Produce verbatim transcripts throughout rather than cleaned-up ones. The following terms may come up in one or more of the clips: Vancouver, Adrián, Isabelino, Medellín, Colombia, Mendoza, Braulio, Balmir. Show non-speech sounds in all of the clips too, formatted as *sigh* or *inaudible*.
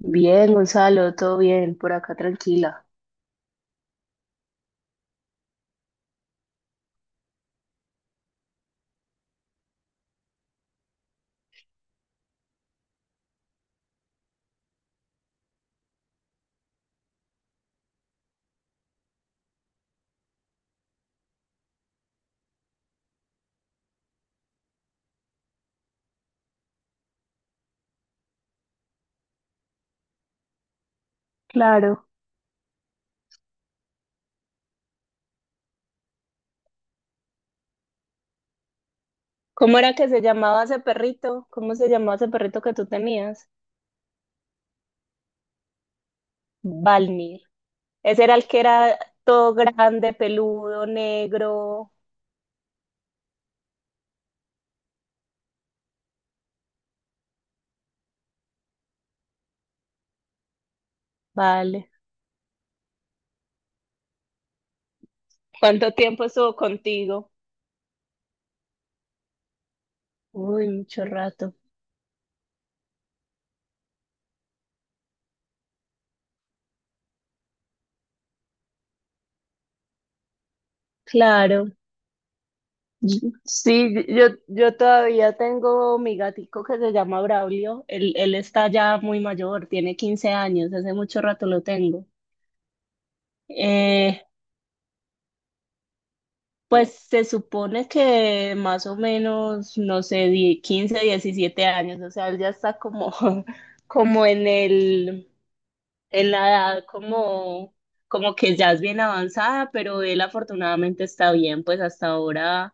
Bien, Gonzalo, todo bien, por acá tranquila. Claro. ¿Cómo era que se llamaba ese perrito? ¿Cómo se llamaba ese perrito que tú tenías? Balmir. Ese era el que era todo grande, peludo, negro. Vale. ¿Cuánto tiempo estuvo contigo? Uy, mucho rato. Claro. Y- Sí, yo, yo todavía tengo mi gatico que se llama Braulio. Él, él está ya muy mayor, tiene quince años, hace mucho rato lo tengo. Eh, Pues se supone que más o menos, no sé, die- quince diecisiete años, o sea, él ya está como, *laughs* como en el, en la edad, como, como que ya es bien avanzada, pero él afortunadamente está bien, pues hasta ahora.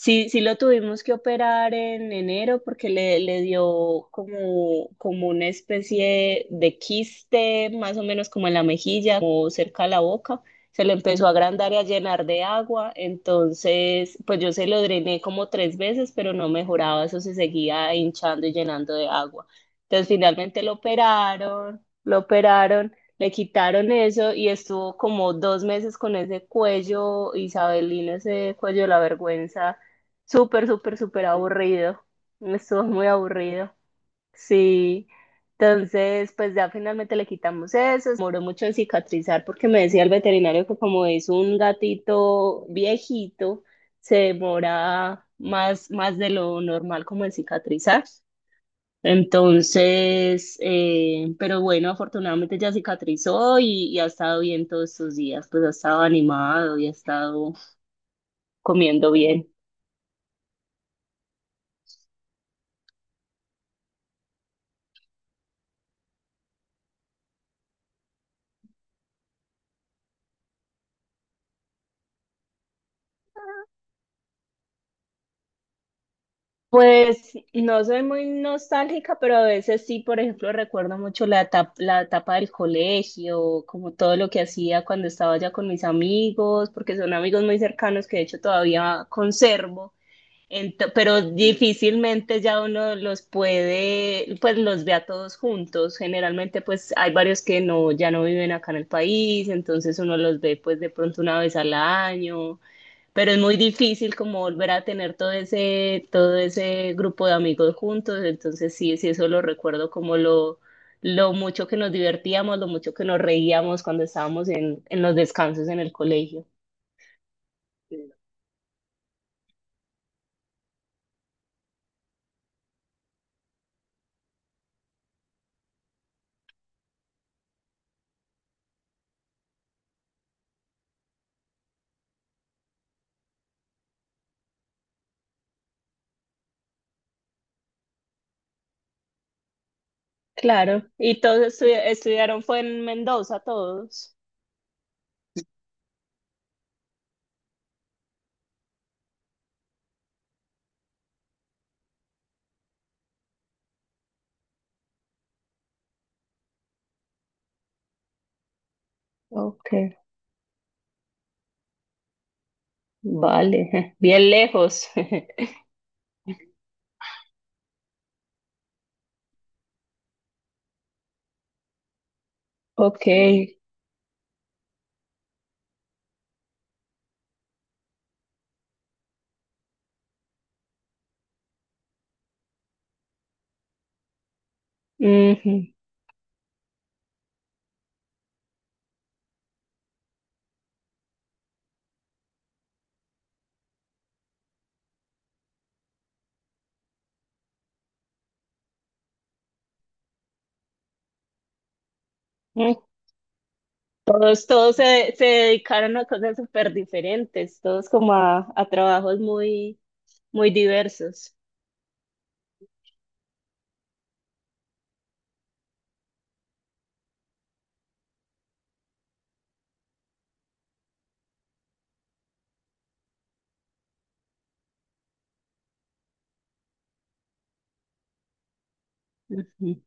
Sí, sí lo tuvimos que operar en enero porque le, le dio como, como una especie de quiste, más o menos como en la mejilla, como cerca de la boca. Se le empezó a agrandar y a llenar de agua. Entonces, pues yo se lo drené como tres veces, pero no mejoraba. Eso se seguía hinchando y llenando de agua. Entonces, finalmente lo operaron, lo operaron. Le quitaron eso y estuvo como dos meses con ese cuello, isabelino, ese cuello de la vergüenza. Súper, súper, súper aburrido. Estuvo muy aburrido. Sí. Entonces, pues ya finalmente le quitamos eso. Se demoró mucho en cicatrizar porque me decía el veterinario que como es un gatito viejito, se demora más, más de lo normal como en cicatrizar. Entonces, eh, pero bueno, afortunadamente ya cicatrizó y, y ha estado bien todos estos días. Pues ha estado animado y ha estado comiendo bien. Pues no soy muy nostálgica, pero a veces sí, por ejemplo, recuerdo mucho la etapa, la etapa del colegio, como todo lo que hacía cuando estaba ya con mis amigos, porque son amigos muy cercanos que de hecho todavía conservo. Ento- pero difícilmente ya uno los puede, pues los ve a todos juntos. Generalmente pues hay varios que no, ya no viven acá en el país, entonces uno los ve pues de pronto una vez al año, pero es muy difícil como volver a tener todo ese, todo ese grupo de amigos juntos, entonces sí, sí, eso lo recuerdo como lo, lo mucho que nos divertíamos, lo mucho que nos reíamos cuando estábamos en, en los descansos en el colegio. Sí. Claro, y todos estudi- estudiaron, fue en Mendoza, todos. Ok, vale, *laughs* bien lejos. *laughs* Ok, ujú. Mm. Todos, todos se, se dedicaron a cosas súper diferentes, todos como a, a trabajos muy muy diversos. Ujú.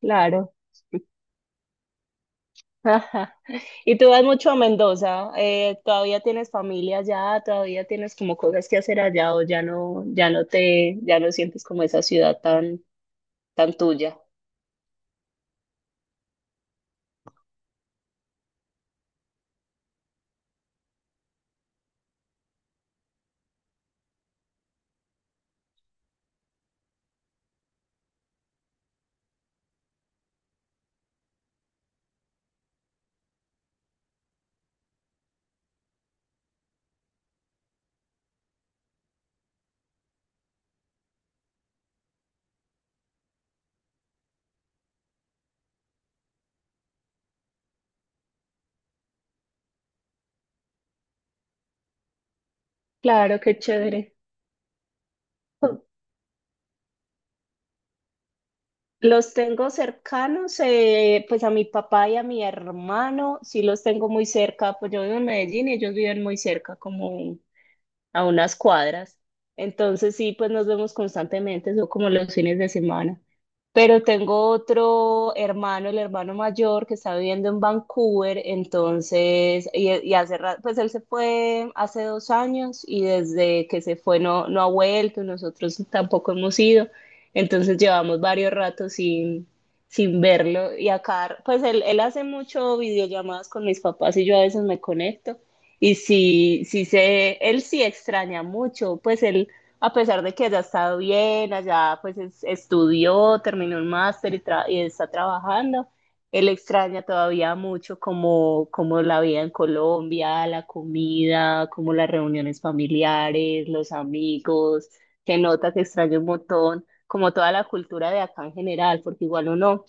Claro. *laughs* Ajá. Y tú vas mucho a Mendoza. Eh, ¿todavía tienes familia allá? ¿Todavía tienes como cosas que hacer allá o ya no, ya no te, ya no sientes como esa ciudad tan, tan tuya? Claro, qué chévere. Los tengo cercanos, eh, pues a mi papá y a mi hermano, sí los tengo muy cerca, pues yo vivo en Medellín y ellos viven muy cerca, como a unas cuadras. Entonces sí, pues nos vemos constantemente, son como los fines de semana. Pero tengo otro hermano, el hermano mayor, que está viviendo en Vancouver, entonces, y, y hace rato, pues él se fue hace dos años y desde que se fue no, no ha vuelto, nosotros tampoco hemos ido, entonces llevamos varios ratos sin, sin verlo y acá, pues él, él hace mucho videollamadas con mis papás y yo a veces me conecto y sí, sí sé, él sí extraña mucho, pues él a pesar de que haya estado bien, allá pues es- estudió, terminó un máster y, tra- y está trabajando, él extraña todavía mucho como, como la vida en Colombia, la comida, como las reuniones familiares, los amigos, que nota que extraña un montón, como toda la cultura de acá en general, porque igual uno,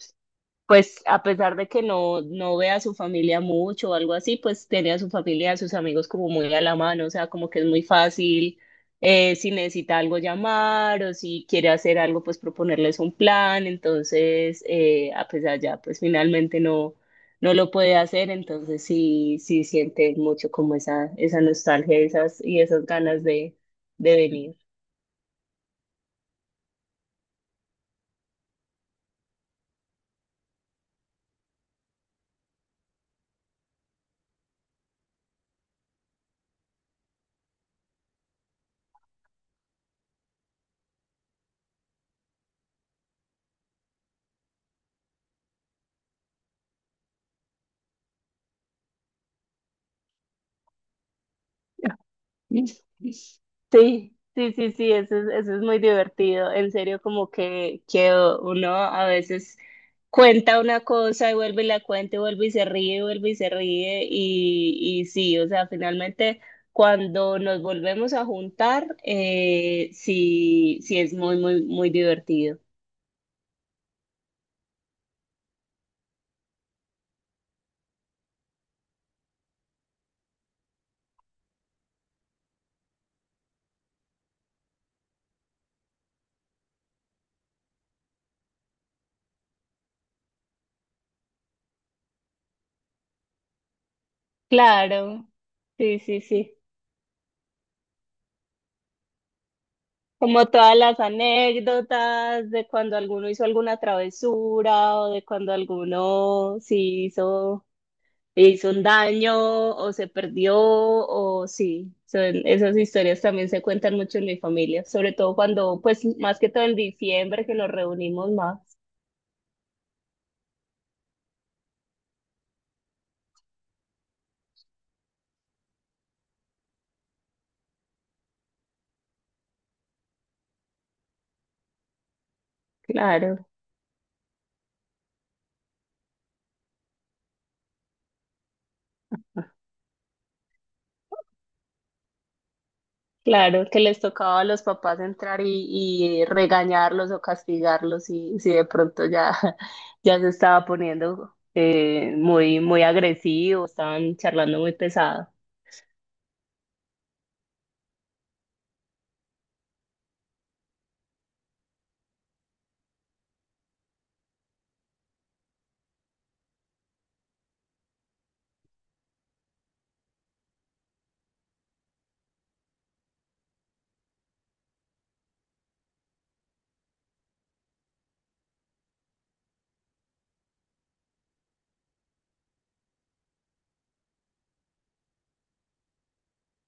pues a pesar de que no, no ve a su familia mucho o algo así, pues tiene a su familia, a sus amigos como muy a la mano, o sea, como que es muy fácil, eh, si necesita algo llamar o si quiere hacer algo, pues proponerles un plan, entonces, eh, a pesar ya, pues finalmente no, no lo puede hacer, entonces sí, sí siente mucho como esa, esa nostalgia, esas, y esas ganas de, de venir. Sí, sí, sí, sí, eso es, eso es muy divertido. En serio, como que, que uno a veces cuenta una cosa y vuelve y la cuenta y vuelve y se ríe, y vuelve y se ríe. Y, y sí, o sea, finalmente cuando nos volvemos a juntar, eh, sí, sí es muy, muy, muy divertido. Claro, sí, sí, sí. Como todas las anécdotas de cuando alguno hizo alguna travesura o de cuando alguno sí hizo, le hizo un daño o se perdió o sí, son, esas historias también se cuentan mucho en mi familia, sobre todo cuando, pues más que todo en diciembre que nos reunimos más. Claro, claro, que les tocaba a los papás entrar y, y regañarlos o castigarlos y si de pronto ya, *laughs* ya se estaba poniendo eh, muy, muy agresivo, estaban charlando muy pesado.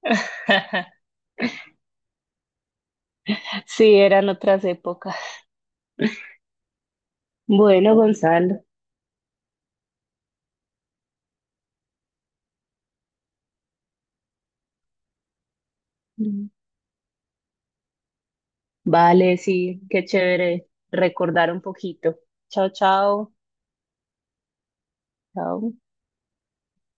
*laughs* Sí, eran otras épocas. Bueno, Gonzalo. Vale, sí, qué chévere recordar un poquito. Chao, chao. Chao.